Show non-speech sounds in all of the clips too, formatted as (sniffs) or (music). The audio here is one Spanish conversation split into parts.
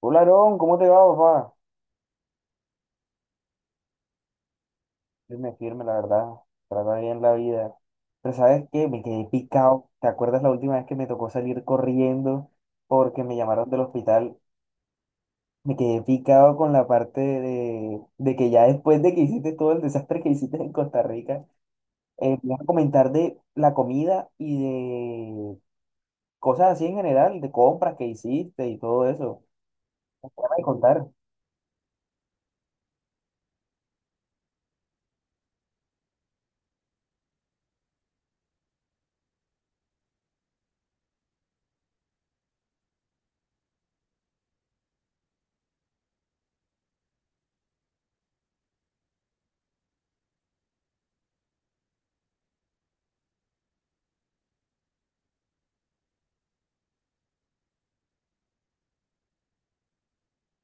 Hola, Aarón, ¿cómo te va, papá? Firme, firme, la verdad. Trata bien la vida. Pero ¿sabes qué? Me quedé picado. ¿Te acuerdas la última vez que me tocó salir corriendo porque me llamaron del hospital? Me quedé picado con la parte de que ya después de que hiciste todo el desastre que hiciste en Costa Rica, me ibas a comentar de la comida y de cosas así en general, de compras que hiciste y todo eso. ¿Qué me vas a contar?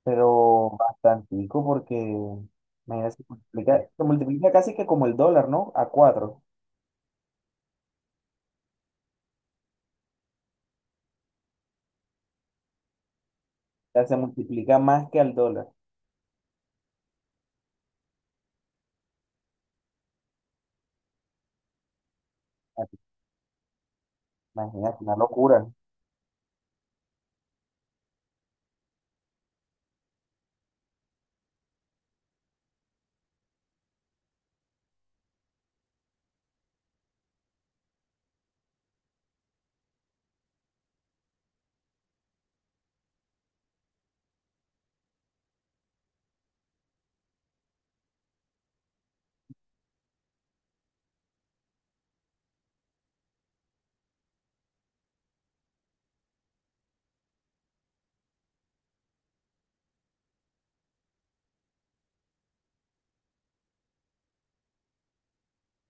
Pero bastantico porque, imagínate, se multiplica casi que como el dólar, ¿no? A cuatro. Ya se multiplica más que al dólar. Imagínate, una locura.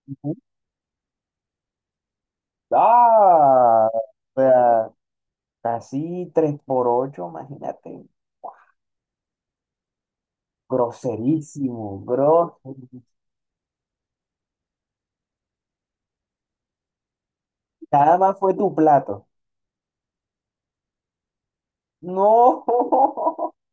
Ujú. Ah, o sea, casi 3 por 8 imagínate. Groserísimo, groserísimo. Nada más fue tu plato. No. (laughs)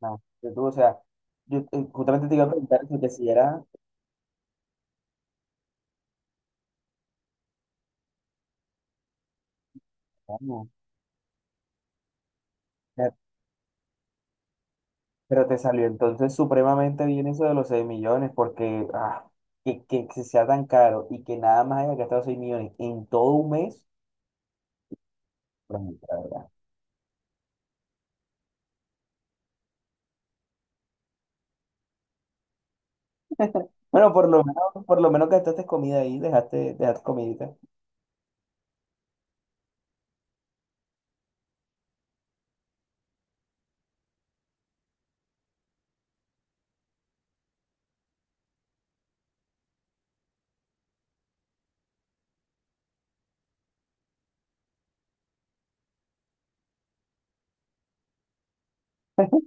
No, tú, o sea, yo justamente te iba a preguntar eso, que si era, vamos. Pero te salió entonces supremamente bien eso de los 6 millones, porque Que sea tan caro y que nada más haya gastado 6 millones en todo un mes, pues, la verdad. Bueno, por lo menos gastaste comida ahí, dejaste comidita.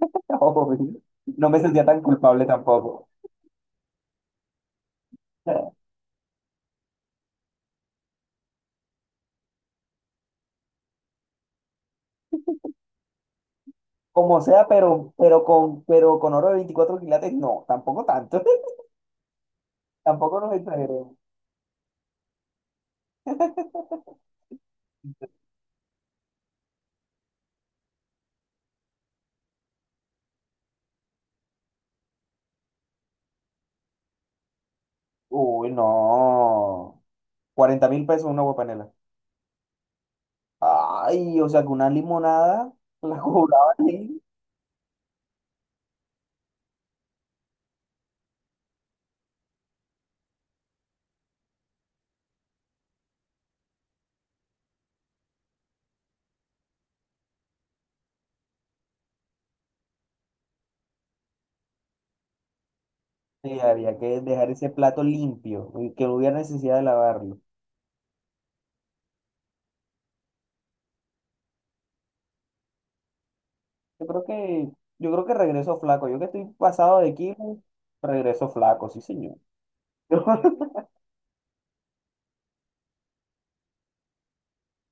(laughs) No me sentía tan culpable tampoco. Como sea, pero con oro de 24 quilates, no, tampoco tanto. (laughs) Tampoco nos exageremos. (laughs) Uy, no. 40.000 pesos una agua panela. Ay, o sea, que una limonada la (laughs) cobraban ahí. Sí, había que dejar ese plato limpio y que no hubiera necesidad de lavarlo. Yo creo que, yo creo que regreso flaco. Yo que estoy pasado de kilos, regreso flaco, sí, señor. (laughs)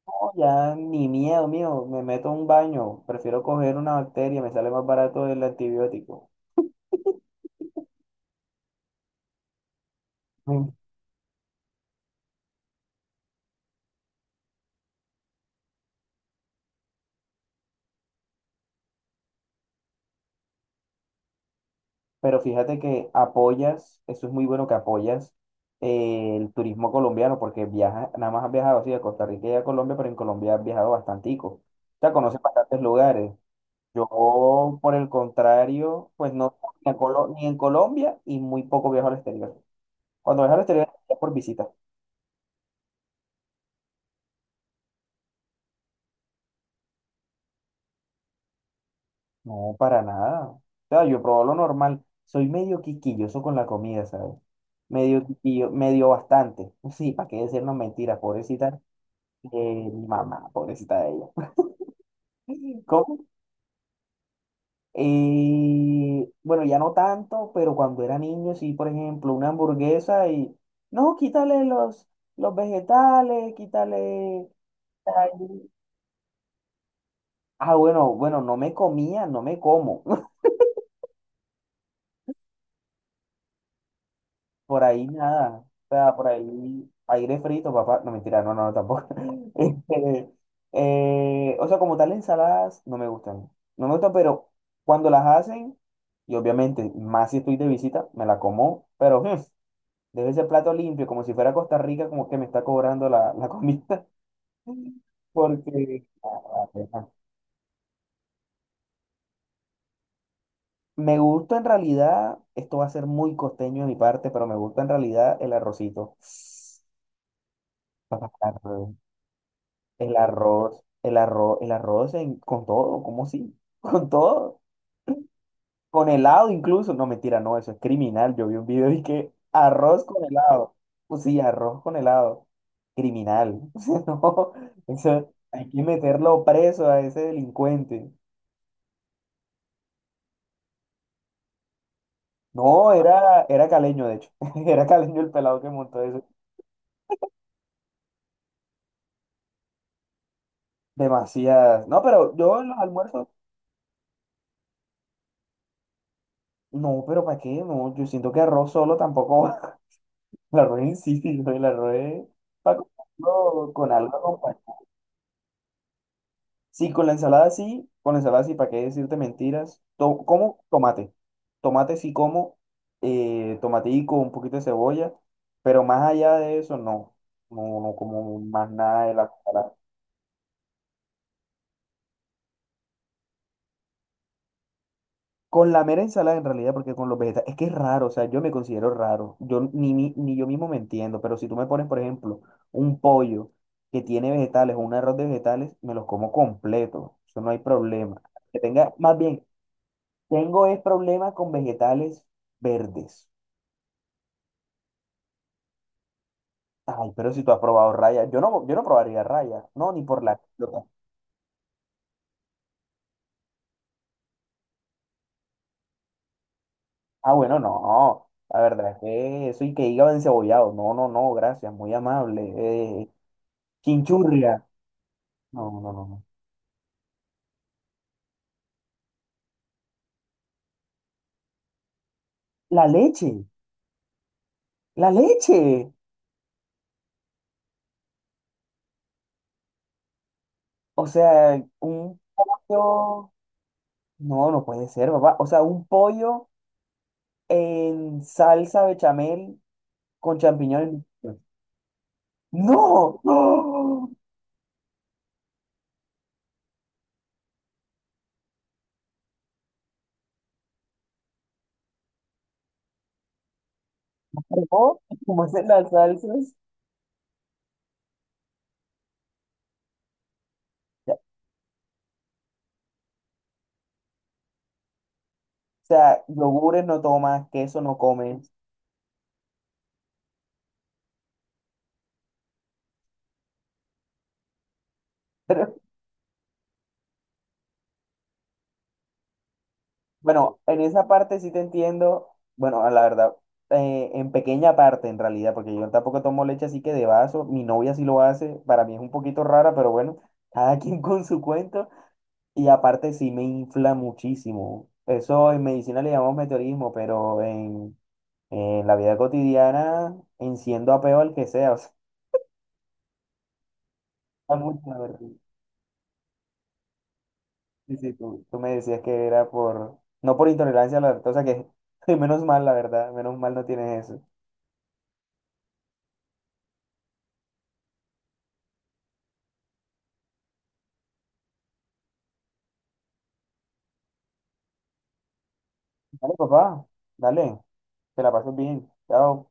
No, ya ni miedo mío, me meto a un baño, prefiero coger una bacteria, me sale más barato el antibiótico. Pero fíjate que apoyas, eso es muy bueno que apoyas el turismo colombiano, porque viajas, nada más has viajado así de Costa Rica y a Colombia, pero en Colombia has viajado bastantico. O sea, conoces bastantes lugares. Yo, por el contrario, pues no, ni, ni en Colombia y muy poco viajo al exterior. Cuando viajo al exterior es por visita. No, para nada. O sea, yo probo lo normal. Soy medio quisquilloso con la comida, ¿sabes? Medio quisquillo, medio bastante. (laughs) Sí, para qué decirnos mentiras, pobrecita. Mi mamá, pobrecita de ella. (laughs) ¿Cómo? Bueno, ya no tanto, pero cuando era niño, sí, por ejemplo, una hamburguesa y, no, quítale los vegetales, quítale... ay, Ah, bueno, bueno, no me comía, no me como. Por ahí nada. O sea, por ahí aire frito, papá. No, mentira, no, no, no, tampoco. (laughs) Este, o sea, como tal, ensaladas no me gustan. No me gustan, pero cuando las hacen, y obviamente, más si estoy de visita, me la como, pero (laughs) debe ser plato limpio, como si fuera Costa Rica, como que me está cobrando la, la comida. (laughs) Porque me gusta en realidad, esto va a ser muy costeño de mi parte, pero me gusta en realidad el arrocito. (sniffs) El arroz con todo, ¿cómo sí? (laughs) Con todo, con helado incluso. No, mentira, no, eso es criminal. Yo vi un video y que arroz con helado. Pues sí, arroz con helado. Criminal. (laughs) O sea, no, eso hay que meterlo preso a ese delincuente. No, era caleño, de hecho. (laughs) Era caleño el pelado que montó eso. Demasiadas. No, pero yo en los almuerzos, no, pero ¿para qué? No, yo siento que arroz solo tampoco (laughs) La roé, sí, sí, soy la roé. Para comerlo con algo acompañado. Sí, con la ensalada sí, con la ensalada sí, ¿para qué decirte mentiras? Como tomate. Tomate sí como, tomatico, un poquito de cebolla, pero más allá de eso no. No, no como más nada de la ensalada. Con la mera ensalada en realidad, porque con los vegetales, es que es raro, o sea, yo me considero raro, yo ni, ni yo mismo me entiendo, pero si tú me pones, por ejemplo, un pollo que tiene vegetales o un arroz de vegetales, me los como completo, eso no hay problema. Que tenga, más bien, tengo es problema con vegetales verdes. Ay, pero si tú has probado raya, yo no probaría raya, no, ni por la... Ah, bueno, no, la verdad es que eso y que hígado encebollado, no, no, no, gracias, muy amable. Eh, Chinchurria. No, no, no. No. La leche, la leche. O sea, un pollo. No, no puede ser, papá. O sea, un pollo en salsa bechamel con champiñones. ¡No! ¡No! ¿Cómo? ¿Cómo hacen las salsas? O sea, yogures no tomas, queso no comes. (laughs) Bueno, en esa parte sí te entiendo. Bueno, a la verdad, en pequeña parte en realidad, porque yo tampoco tomo leche así que de vaso. Mi novia sí lo hace. Para mí es un poquito rara, pero bueno, (laughs) cada quien con su cuento. Y aparte sí me infla muchísimo. Eso en medicina le llamamos meteorismo, pero en la vida cotidiana enciendo a peo al que sea. O sea, (laughs) mucho, la verdad. Sí, sí, tú me decías que era por, no por intolerancia a la lactosa, que (laughs) menos mal, la verdad, menos mal no tienes eso. Dale, papá, dale, que la pases bien. Chao.